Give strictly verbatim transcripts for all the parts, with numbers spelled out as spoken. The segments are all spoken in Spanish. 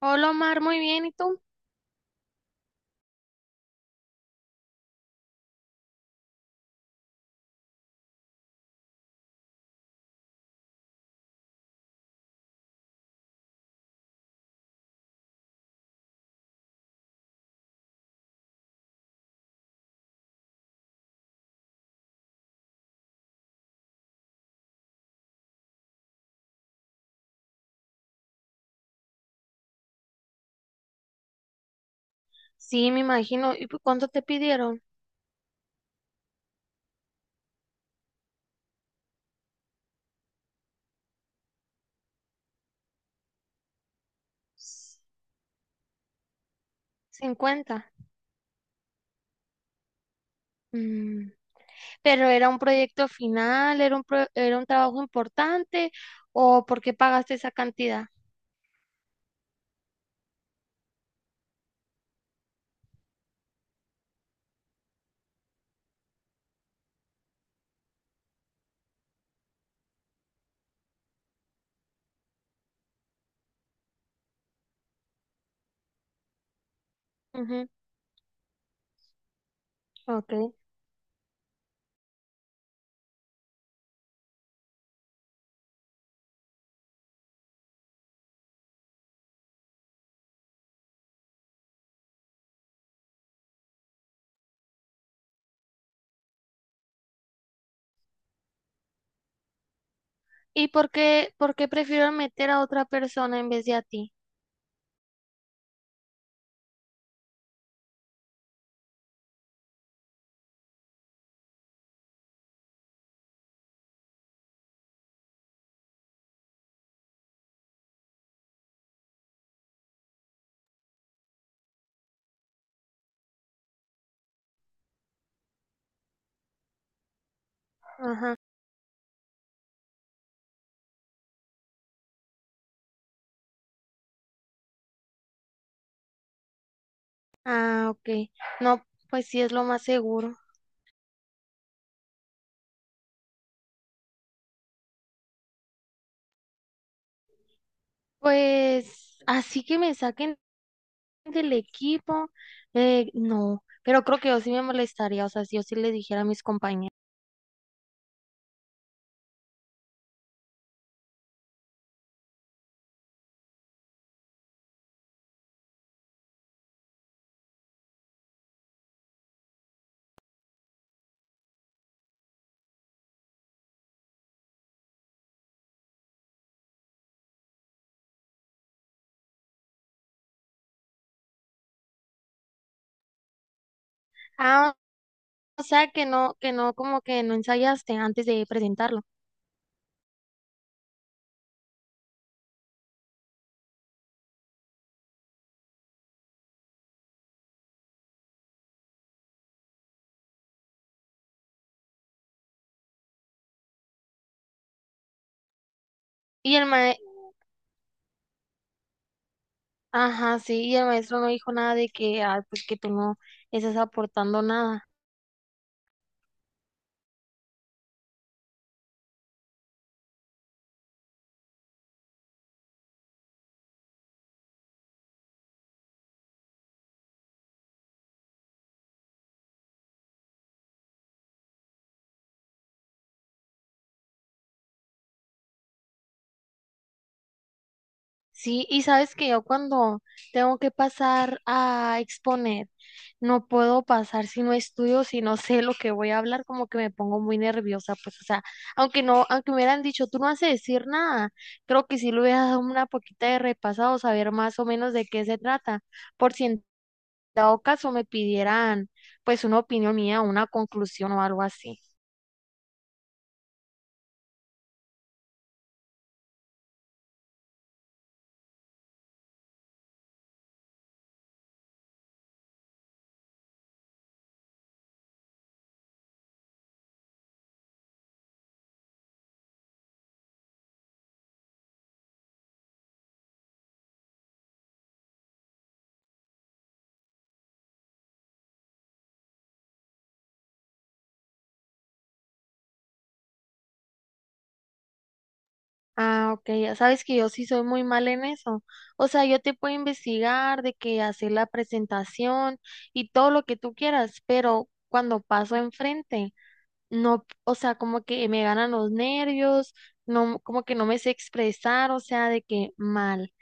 Hola Omar, muy bien, ¿y tú? Sí, me imagino. ¿Y pues, cuánto te pidieron? S- cincuenta. Mm, Pero era un proyecto final, era un pro- era un trabajo importante, ¿o por qué pagaste esa cantidad? Ujú, ok. ¿Y por qué, por qué prefiero meter a otra persona en vez de a ti? Ajá. Ah, ok. No, pues sí es lo más seguro. Pues así que me saquen del equipo, eh, no, pero creo que yo sí me molestaría, o sea, si yo sí le dijera a mis compañeros. Ah, o sea, que no, que no, como que no ensayaste antes de presentarlo. Y el ma. Ajá, sí, y el maestro no dijo nada de que, ay, pues que tú no estás aportando nada. Sí, y sabes que yo cuando tengo que pasar a exponer, no puedo pasar si no estudio, si no sé lo que voy a hablar, como que me pongo muy nerviosa, pues, o sea, aunque no, aunque me hubieran dicho, tú no has de decir nada, creo que sí le hubiera dado una poquita de repasado, saber más o menos de qué se trata, por si en dado caso me pidieran, pues, una opinión mía, una conclusión o algo así. Ah, ok, ya sabes que yo sí soy muy mal en eso. O sea, yo te puedo investigar de que hacer la presentación y todo lo que tú quieras, pero cuando paso enfrente, no, o sea, como que me ganan los nervios, no, como que no me sé expresar, o sea, de que mal.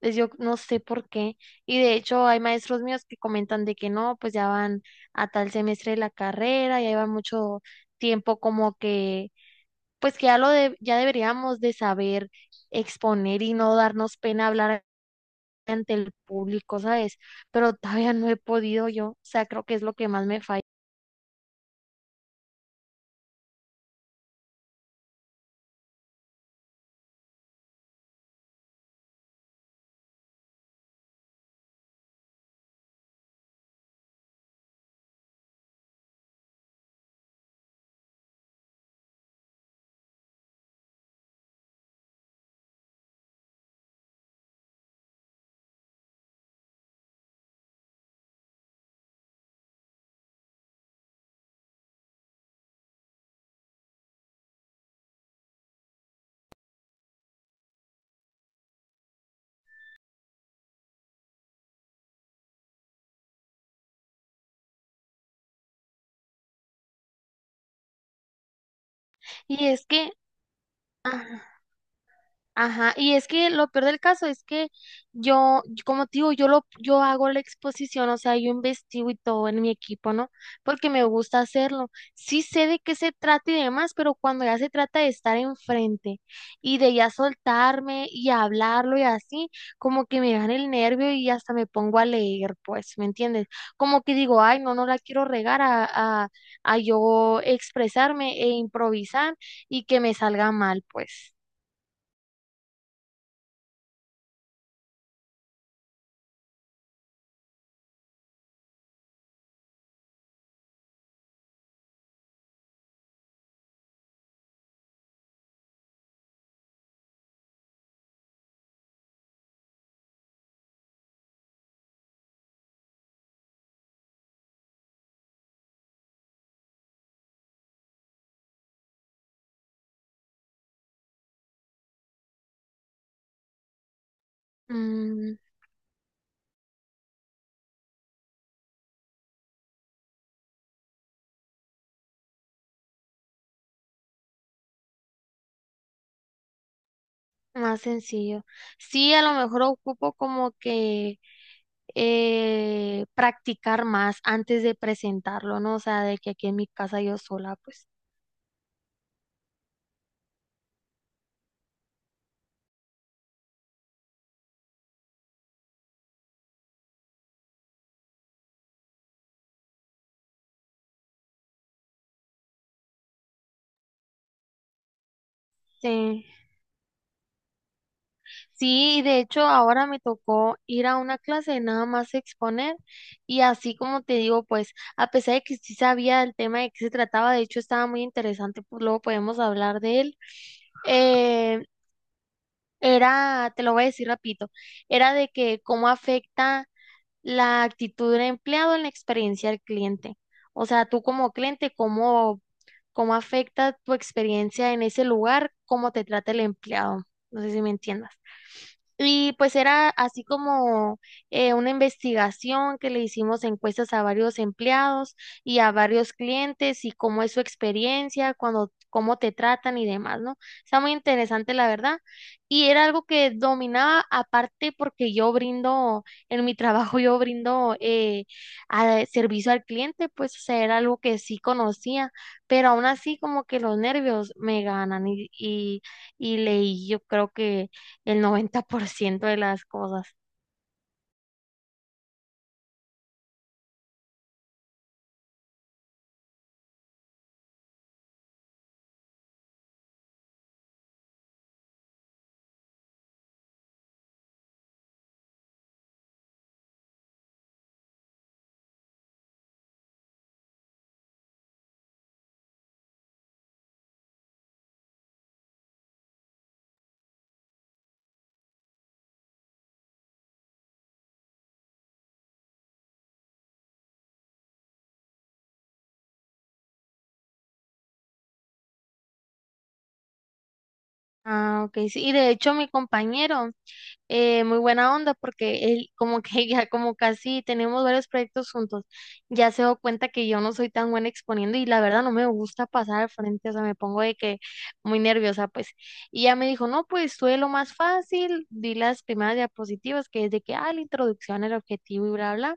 Pues yo no sé por qué. Y de hecho hay maestros míos que comentan de que no, pues ya van a tal semestre de la carrera, ya llevan mucho tiempo como que pues que ya lo de- ya deberíamos de saber exponer y no darnos pena hablar ante el público, ¿sabes? Pero todavía no he podido yo, o sea, creo que es lo que más me falla. Y es que, ajá. Ajá, y es que lo peor del caso es que yo, yo- como te digo, yo lo, yo hago la exposición, o sea, yo investigo y todo en mi equipo, ¿no? Porque me gusta hacerlo. Sí sé de qué se trata y demás, pero cuando ya se trata de estar enfrente y de ya soltarme y hablarlo y así, como que me dan el nervio y hasta me pongo a leer, pues, ¿me entiendes? Como que digo, ay, no, no la quiero regar a, a, a yo expresarme e improvisar y que me salga mal, pues. Mm. Más sencillo. Sí, a lo mejor ocupo como que eh, practicar más antes de presentarlo, ¿no? O sea, de que aquí en mi casa yo sola, pues. Sí. Sí, de hecho ahora me tocó ir a una clase de nada más exponer y así como te digo, pues a pesar de que sí sabía el tema de qué se trataba, de hecho estaba muy interesante, pues luego podemos hablar de él. Eh, era, te lo voy a decir rapidito, era de que cómo afecta la actitud del empleado en la experiencia del cliente. O sea, tú como cliente, ¿cómo, cómo afecta tu experiencia en ese lugar, cómo te trata el empleado? No sé si me entiendas. Y pues era así como eh, una investigación que le hicimos encuestas a varios empleados y a varios clientes y cómo es su experiencia, cuando, cómo te tratan y demás, ¿no? Está muy interesante, la verdad. Y era algo que dominaba, aparte porque yo brindo, en mi trabajo yo brindo eh, a- servicio al cliente, pues o sea, era algo que sí conocía, pero aún así como que los nervios me ganan y, y, y leí, yo creo que el noventa por ciento de las cosas. Ah, ok, sí. Y de hecho mi compañero, eh, muy buena onda porque él como que ya como casi tenemos varios proyectos juntos, ya se dio cuenta que yo no soy tan buena exponiendo y la verdad no me gusta pasar al frente, o sea, me pongo de que muy nerviosa pues. Y ya me dijo, no, pues tú de lo más fácil, di las primeras diapositivas que es de que, ah, la introducción, el objetivo y bla, bla.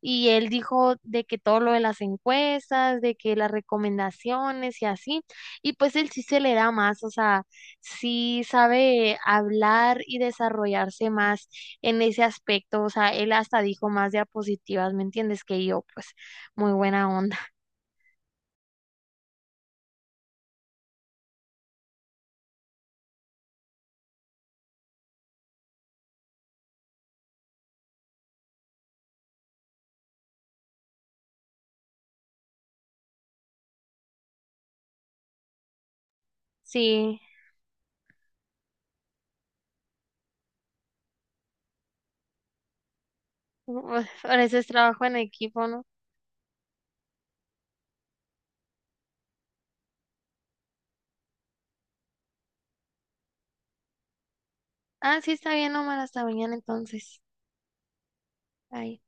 Y él dijo de que todo lo de las encuestas, de que las recomendaciones y así, y pues él sí se le da más, o sea sí sabe hablar y desarrollarse más en ese aspecto. O sea, él hasta dijo más diapositivas, ¿me entiendes? Que yo, pues, muy buena onda. Sí, u- por eso es trabajo en equipo, ¿no? Ah, sí, está bien, Omar, hasta mañana entonces. Bye.